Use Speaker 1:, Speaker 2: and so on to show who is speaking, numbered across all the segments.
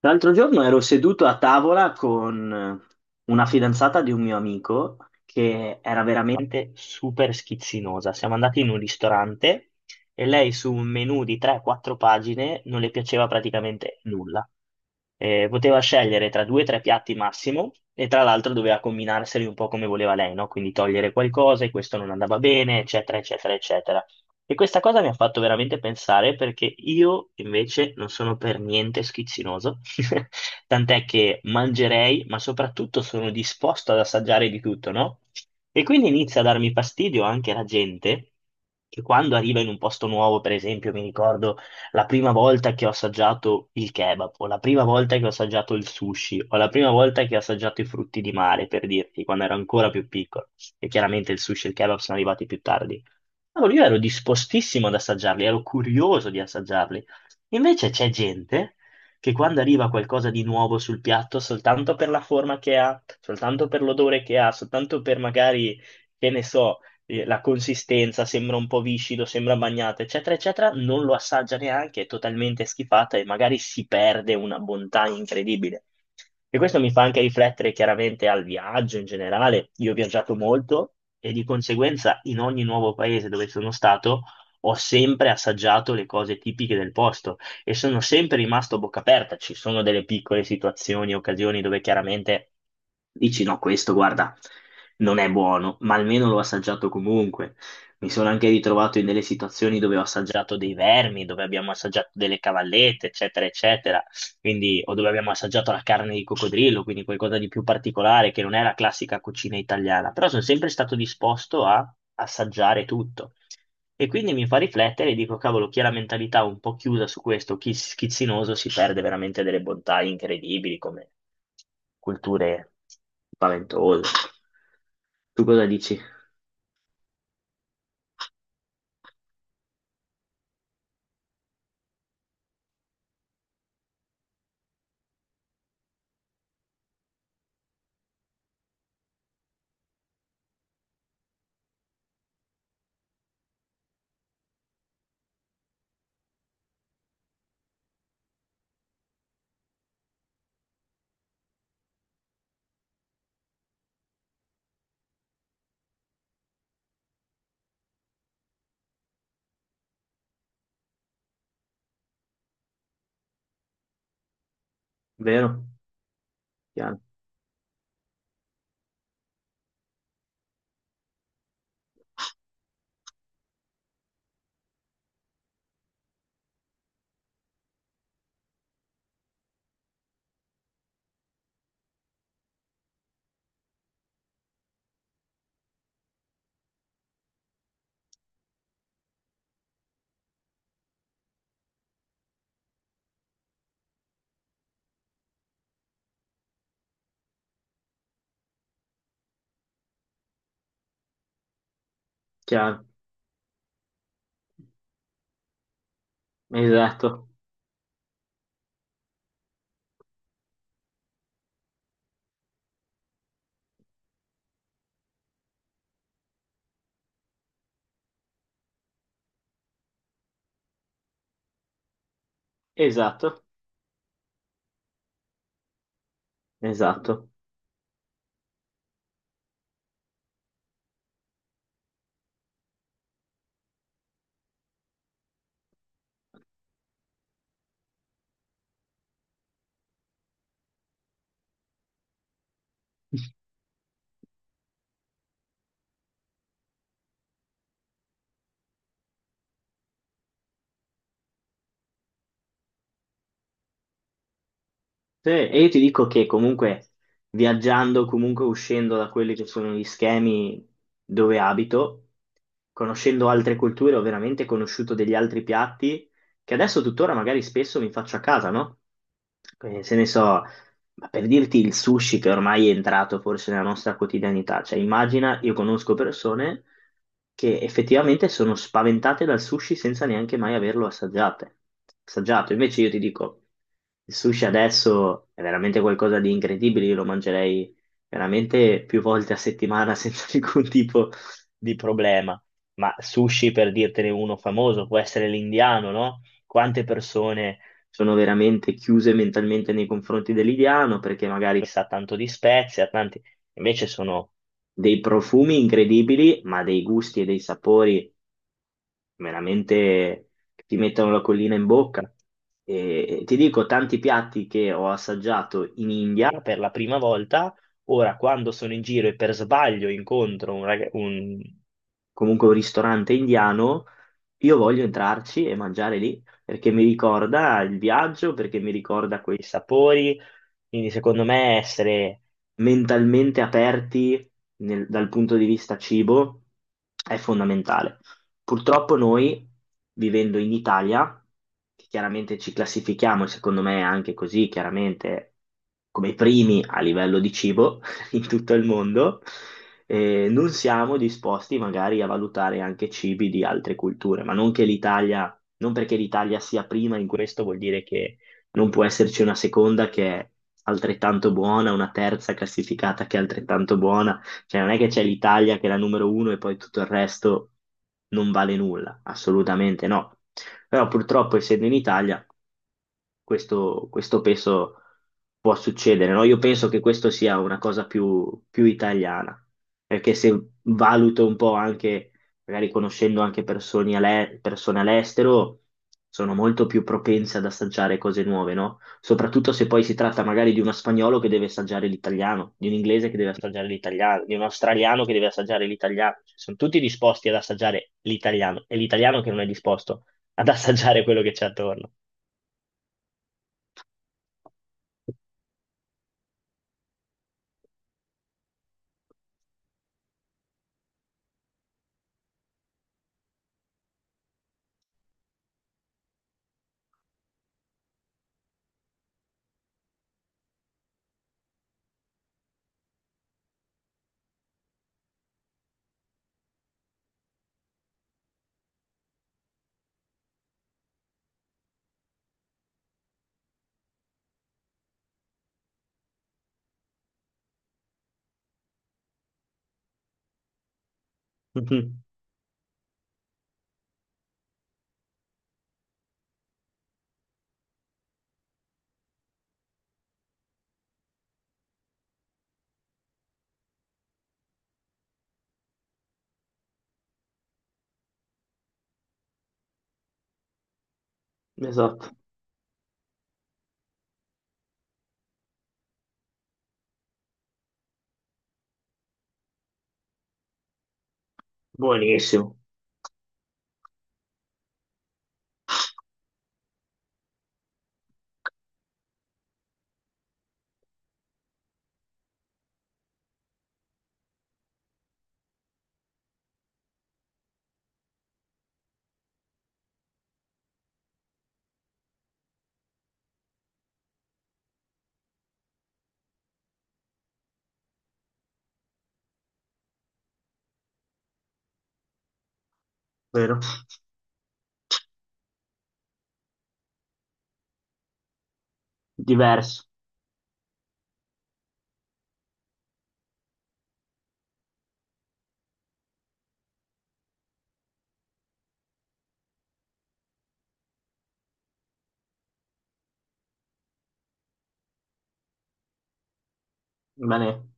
Speaker 1: L'altro giorno ero seduto a tavola con una fidanzata di un mio amico che era veramente super schizzinosa. Siamo andati in un ristorante e lei su un menù di 3-4 pagine non le piaceva praticamente nulla. Poteva scegliere tra due o tre piatti massimo e tra l'altro doveva combinarseli un po' come voleva lei, no? Quindi togliere qualcosa e questo non andava bene, eccetera, eccetera, eccetera. E questa cosa mi ha fatto veramente pensare, perché io invece non sono per niente schizzinoso, tant'è che mangerei, ma soprattutto sono disposto ad assaggiare di tutto, no? E quindi inizia a darmi fastidio anche la gente che quando arriva in un posto nuovo, per esempio, mi ricordo la prima volta che ho assaggiato il kebab, o la prima volta che ho assaggiato il sushi, o la prima volta che ho assaggiato i frutti di mare, per dirti, quando ero ancora più piccolo. E chiaramente il sushi e il kebab sono arrivati più tardi. Allora io ero dispostissimo ad assaggiarli, ero curioso di assaggiarli. Invece c'è gente che quando arriva qualcosa di nuovo sul piatto, soltanto per la forma che ha, soltanto per l'odore che ha, soltanto per magari, che ne so, la consistenza sembra un po' viscido, sembra bagnato, eccetera, eccetera, non lo assaggia neanche, è totalmente schifata e magari si perde una bontà incredibile. E questo mi fa anche riflettere chiaramente al viaggio in generale. Io ho viaggiato molto e di conseguenza in ogni nuovo paese dove sono stato ho sempre assaggiato le cose tipiche del posto e sono sempre rimasto a bocca aperta. Ci sono delle piccole situazioni, occasioni dove chiaramente dici no, questo guarda, non è buono, ma almeno l'ho assaggiato comunque. Mi sono anche ritrovato in delle situazioni dove ho assaggiato dei vermi, dove abbiamo assaggiato delle cavallette, eccetera, eccetera, quindi, o dove abbiamo assaggiato la carne di coccodrillo, quindi qualcosa di più particolare che non è la classica cucina italiana, però sono sempre stato disposto a assaggiare tutto. E quindi mi fa riflettere e dico, cavolo, chi ha la mentalità un po' chiusa su questo, chi schizzinoso, si perde veramente delle bontà incredibili come culture spaventose. Tu cosa dici? Vero? Chiaro, chiaro. Esatto, esatto, esatto. Sì, e io ti dico che comunque viaggiando, comunque uscendo da quelli che sono gli schemi dove abito, conoscendo altre culture, ho veramente conosciuto degli altri piatti che adesso tuttora magari spesso mi faccio a casa, no? Se ne so, ma per dirti il sushi, che ormai è entrato forse nella nostra quotidianità, cioè immagina, io conosco persone che effettivamente sono spaventate dal sushi senza neanche mai averlo assaggiate. Assaggiato. Invece io ti dico, il sushi adesso è veramente qualcosa di incredibile, io lo mangerei veramente più volte a settimana senza alcun tipo di problema. Ma sushi, per dirtene uno famoso, può essere l'indiano, no? Quante persone sono veramente chiuse mentalmente nei confronti dell'italiano perché magari sa tanto di spezie, ha tanti... invece sono dei profumi incredibili, ma dei gusti e dei sapori veramente ti mettono la collina in bocca. E ti dico, tanti piatti che ho assaggiato in India per la prima volta, ora quando sono in giro e per sbaglio incontro comunque un ristorante indiano, io voglio entrarci e mangiare lì, perché mi ricorda il viaggio, perché mi ricorda quei sapori, quindi secondo me essere mentalmente aperti dal punto di vista cibo è fondamentale. Purtroppo noi, vivendo in Italia, che chiaramente ci classifichiamo, e secondo me è anche così, chiaramente come i primi a livello di cibo in tutto il mondo, non siamo disposti magari a valutare anche cibi di altre culture, ma non che l'Italia, non perché l'Italia sia prima in questo vuol dire che non può esserci una seconda che è altrettanto buona, una terza classificata che è altrettanto buona. Cioè, non è che c'è l'Italia che è la numero uno e poi tutto il resto non vale nulla, assolutamente no. Però purtroppo, essendo in Italia, questo penso può succedere, no? Io penso che questo sia una cosa più italiana, perché se valuto un po' anche, magari conoscendo anche persone, persone all'estero, sono molto più propense ad assaggiare cose nuove, no? Soprattutto se poi si tratta magari di uno spagnolo che deve assaggiare l'italiano, di un inglese che deve assaggiare l'italiano, di un australiano che deve assaggiare l'italiano. Cioè, sono tutti disposti ad assaggiare l'italiano, è l'italiano che non è disposto ad assaggiare quello che c'è attorno. Esatto, buonissimo, vero? Diverso, bene,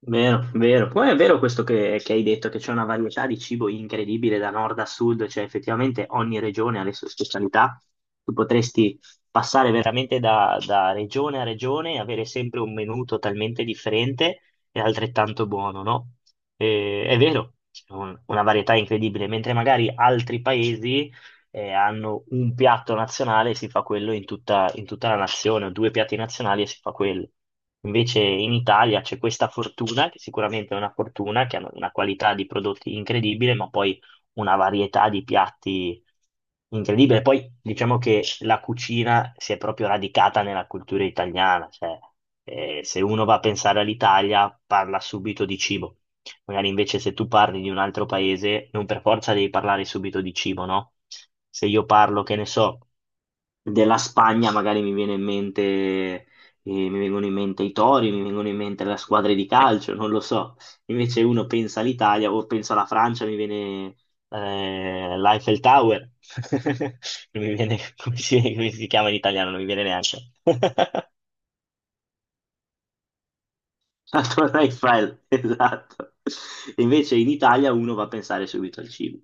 Speaker 1: vero, vero. Poi è vero questo che hai detto, che c'è una varietà di cibo incredibile da nord a sud, cioè effettivamente ogni regione ha le sue specialità. Tu potresti passare veramente da, regione a regione e avere sempre un menù totalmente differente e altrettanto buono, no? E- è vero, c'è una varietà incredibile, mentre magari altri paesi hanno un piatto nazionale e si fa quello in tutta la nazione, o due piatti nazionali e si fa quello. Invece in Italia c'è questa fortuna, che sicuramente è una fortuna, che hanno una qualità di prodotti incredibile, ma poi una varietà di piatti incredibile. Poi diciamo che la cucina si è proprio radicata nella cultura italiana, cioè se uno va a pensare all'Italia parla subito di cibo. Magari invece se tu parli di un altro paese, non per forza devi parlare subito di cibo, no? Se io parlo, che ne so, della Spagna, magari mi viene in mente, mi vengono in mente i tori, mi vengono in mente le squadre di calcio, non lo so. Invece uno pensa all'Italia o pensa alla Francia, mi viene l'Eiffel Tower. Non mi viene, come si chiama in italiano, non mi viene neanche. La Torre Eiffel, esatto. Invece in Italia uno va a pensare subito al cibo.